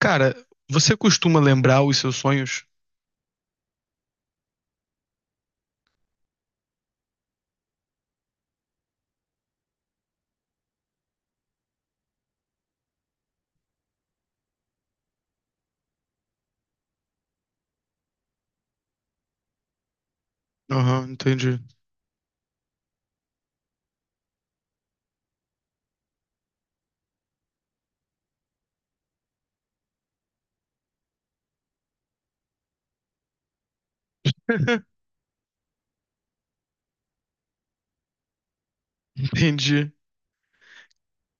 Cara, você costuma lembrar os seus sonhos? Aham, entendi. Entendi.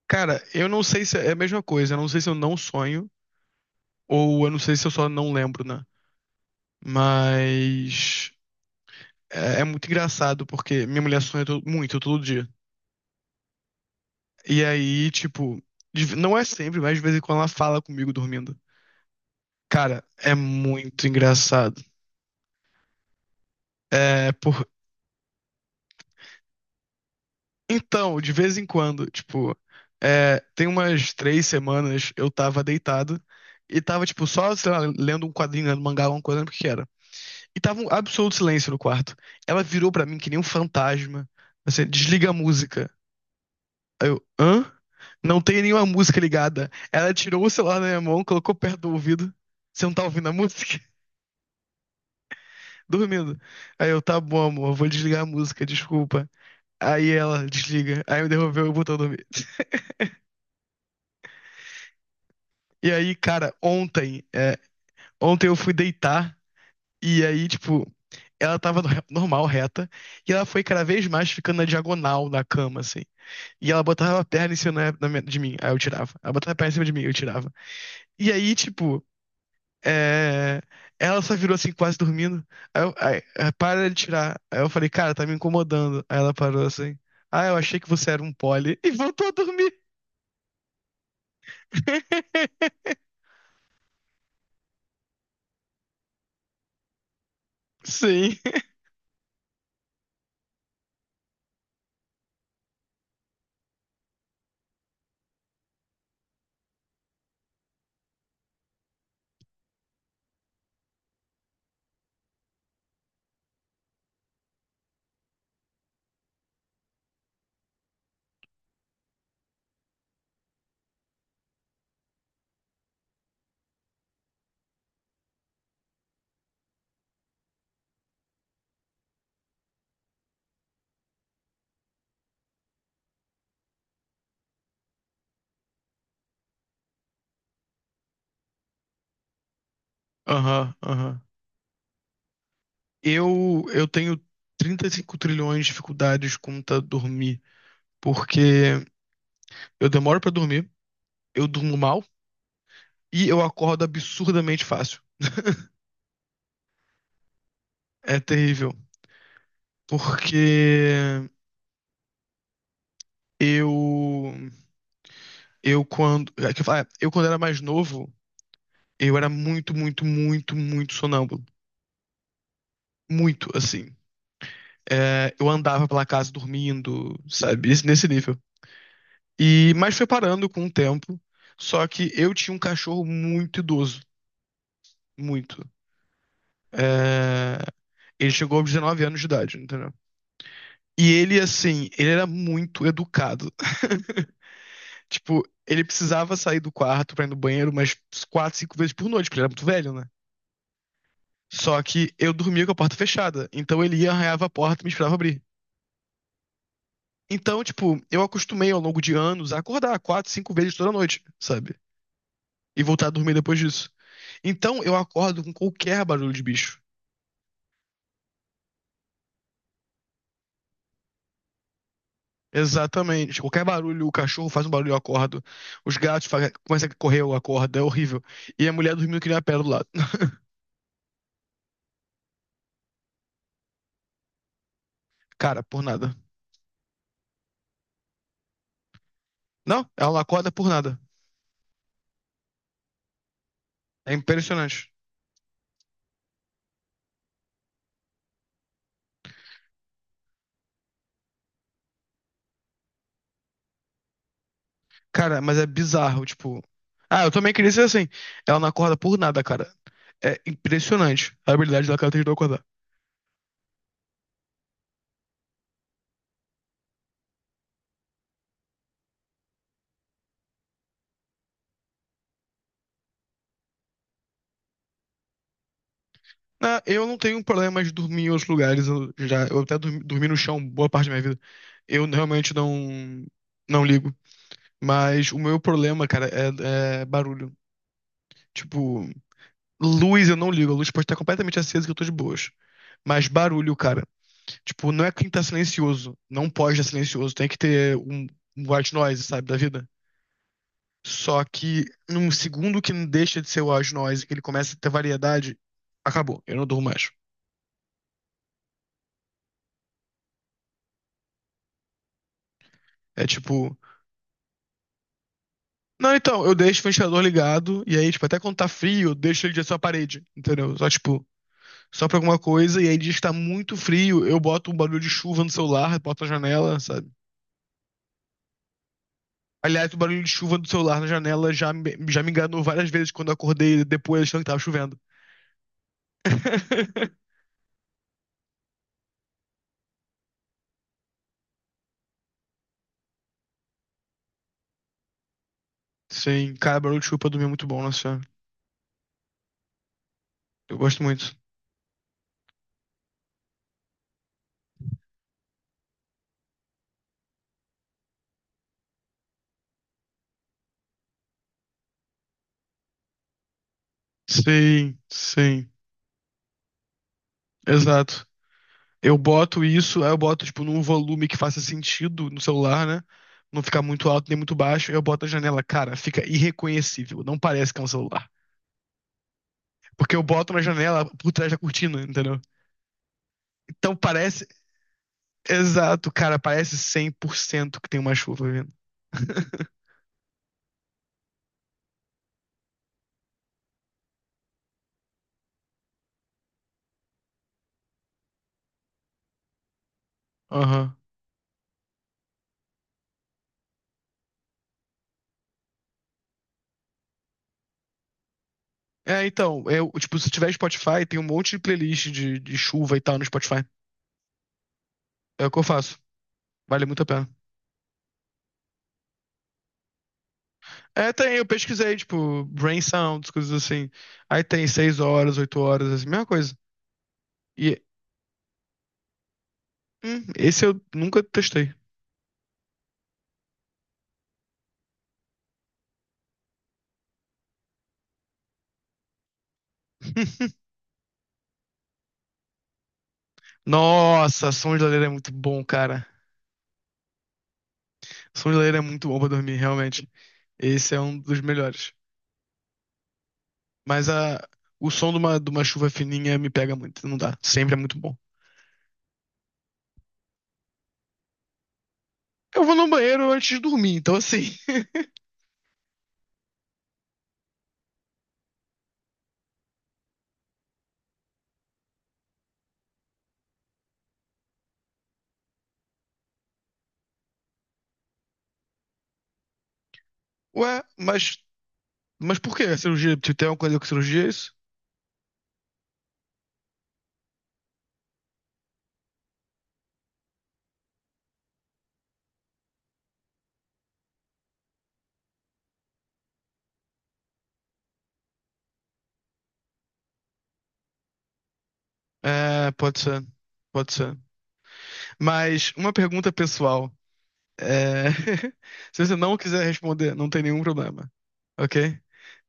Cara, eu não sei se é a mesma coisa. Eu não sei se eu não sonho ou eu não sei se eu só não lembro, né? Mas é muito engraçado porque minha mulher sonha muito todo dia. E aí, tipo, não é sempre, mas de vez em quando ela fala comigo dormindo. Cara, é muito engraçado. É. Então, de vez em quando, tipo, tem umas três semanas eu tava deitado e tava, tipo, só, sei lá, lendo um quadrinho, lendo mangá, alguma coisa, não lembro o que que era. E tava um absoluto silêncio no quarto. Ela virou pra mim que nem um fantasma. Assim, desliga a música. Aí eu, hã? Não tem nenhuma música ligada. Ela tirou o celular da minha mão, colocou perto do ouvido. Você não tá ouvindo a música? Dormindo. Aí eu, tá bom, amor, vou desligar a música, desculpa. Aí ela desliga. Aí me devolveu e botou a dormir. E aí, cara, ontem eu fui deitar e aí, tipo, ela tava normal, reta, e ela foi cada vez mais ficando na diagonal na cama, assim. E ela botava a perna em cima de mim, aí eu tirava. Ela botava a perna em cima de mim, eu tirava. E aí, tipo, é, ela só virou assim, quase dormindo. Aí eu, aí, para de tirar. Aí eu falei, cara, tá me incomodando. Aí ela parou assim. Ah, eu achei que você era um pole. E voltou a dormir. Sim. Aham, aham. Eu tenho 35 trilhões de dificuldades contra dormir, porque eu demoro pra dormir, eu durmo mal e eu acordo absurdamente fácil. É terrível, porque eu eu quando é que eu falo, eu quando era mais novo, eu era muito, muito, muito, muito sonâmbulo, muito assim. É, eu andava pela casa dormindo, sabe, nesse nível. E mas foi parando com o tempo. Só que eu tinha um cachorro muito idoso, muito. É, ele chegou aos 19 anos de idade, entendeu? E ele, assim, ele era muito educado. Tipo, ele precisava sair do quarto pra ir no banheiro umas quatro, cinco vezes por noite, porque ele era muito velho, né? Só que eu dormia com a porta fechada. Então ele ia, arranhava a porta e me esperava abrir. Então, tipo, eu acostumei ao longo de anos a acordar quatro, cinco vezes toda noite, sabe? E voltar a dormir depois disso. Então eu acordo com qualquer barulho de bicho. Exatamente. Qualquer barulho, o cachorro faz um barulho, eu acordo. Os gatos começam a correr, eu acordo. É horrível. E a mulher dormindo que nem uma pedra do lado. Cara, por nada. Não, ela não acorda por nada. É impressionante. Cara, mas é bizarro, tipo. Ah, eu também queria ser assim. Ela não acorda por nada, cara. É impressionante a habilidade da cara de não acordar. Ah, eu não tenho problema de dormir em outros lugares. Eu já, eu até dormi no chão boa parte da minha vida. Eu realmente não ligo. Mas o meu problema, cara, é barulho. Tipo, luz eu não ligo. A luz pode estar completamente acesa que eu tô de boas. Mas barulho, cara. Tipo, não é que tá silencioso. Não pode estar silencioso. Tem que ter um white noise, sabe, da vida. Só que num segundo que não deixa de ser o white noise, que ele começa a ter variedade, acabou. Eu não durmo mais. É tipo. Não, então, eu deixo o ventilador ligado, e aí, tipo, até quando tá frio, eu deixo ele direto na parede, entendeu? Só, tipo, só pra alguma coisa, e aí diz que tá muito frio, eu boto um barulho de chuva no celular, boto na janela, sabe? Aliás, o barulho de chuva do celular na janela já me enganou várias vezes quando eu acordei depois achando que tava chovendo. Sim, cara, barulho de chuva pra dormir é muito bom, nossa senhora. Eu gosto muito. Sim, sim, exato. Eu boto isso, aí eu boto, tipo, num volume que faça sentido no celular, né? Não ficar muito alto nem muito baixo. Eu boto na janela, cara, fica irreconhecível. Não parece que é um celular. Porque eu boto na janela por trás da cortina, entendeu? Então parece. Exato, cara, parece 100% que tem uma chuva vindo. Aham. É, então, eu, tipo, se tiver Spotify, tem um monte de playlist de chuva e tal no Spotify. É o que eu faço. Vale muito a pena. É, tem, eu pesquisei, tipo, brain sounds, coisas assim. Aí tem seis horas, oito horas, assim, mesma coisa. E esse eu nunca testei. Nossa, som de lareira é muito bom, cara. Som de lareira é muito bom pra dormir, realmente. Esse é um dos melhores. Mas o som de uma chuva fininha me pega muito, não dá. Sempre é muito bom. Eu vou no banheiro antes de dormir, então assim. Ué, mas por que a cirurgia? Tu tem alguma coisa com cirurgia, é isso? É, pode ser. Pode ser. Mas uma pergunta pessoal. É, se você não quiser responder, não tem nenhum problema. Ok?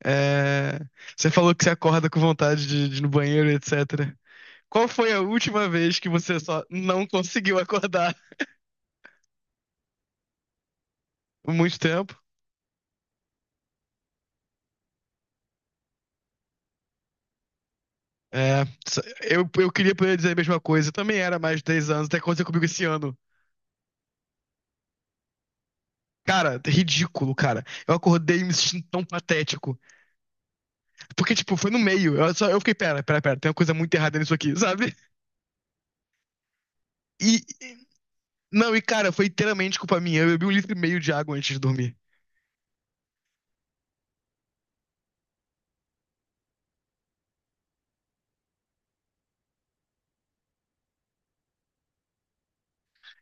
É, você falou que você acorda com vontade de ir no banheiro, etc. Qual foi a última vez que você só não conseguiu acordar por muito tempo? É, eu queria poder dizer a mesma coisa. Eu também era mais de 10 anos, até aconteceu comigo esse ano. Cara, ridículo, cara. Eu acordei me sentindo tão patético. Porque, tipo, foi no meio. Eu, só, eu fiquei, pera, pera, pera, tem uma coisa muito errada nisso aqui, sabe? E, Não, e cara, foi inteiramente culpa minha. Eu bebi um litro e meio de água antes de dormir.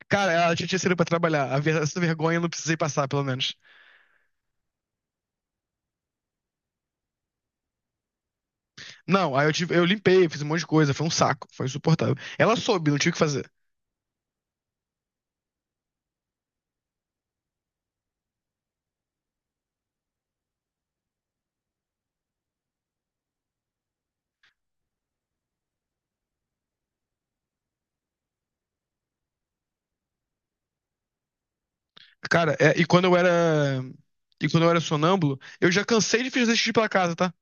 Cara, ela já tinha saído pra trabalhar. Essa vergonha eu não precisei passar, pelo menos. Não, aí eu, tive, eu limpei, fiz um monte de coisa. Foi um saco, foi insuportável. Ela soube, não tinha o que fazer. Cara, e quando eu era. E quando eu era sonâmbulo, eu já cansei de fazer xixi pela casa, tá?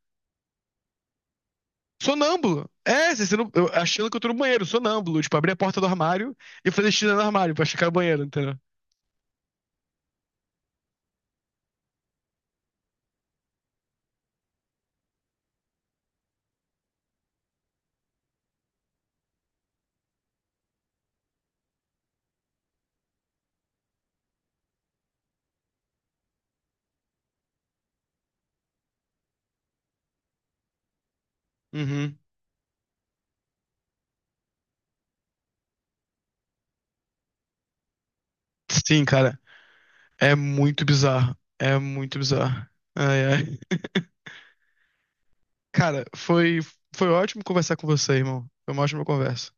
Sonâmbulo. É, você não, eu, achando que eu tô no banheiro, sonâmbulo. Tipo, abrir a porta do armário e fazer xixi no armário pra checar o banheiro, entendeu? Uhum. Sim, cara. É muito bizarro. É muito bizarro. Ai, ai. Cara, foi ótimo conversar com você, irmão. Foi uma ótima conversa.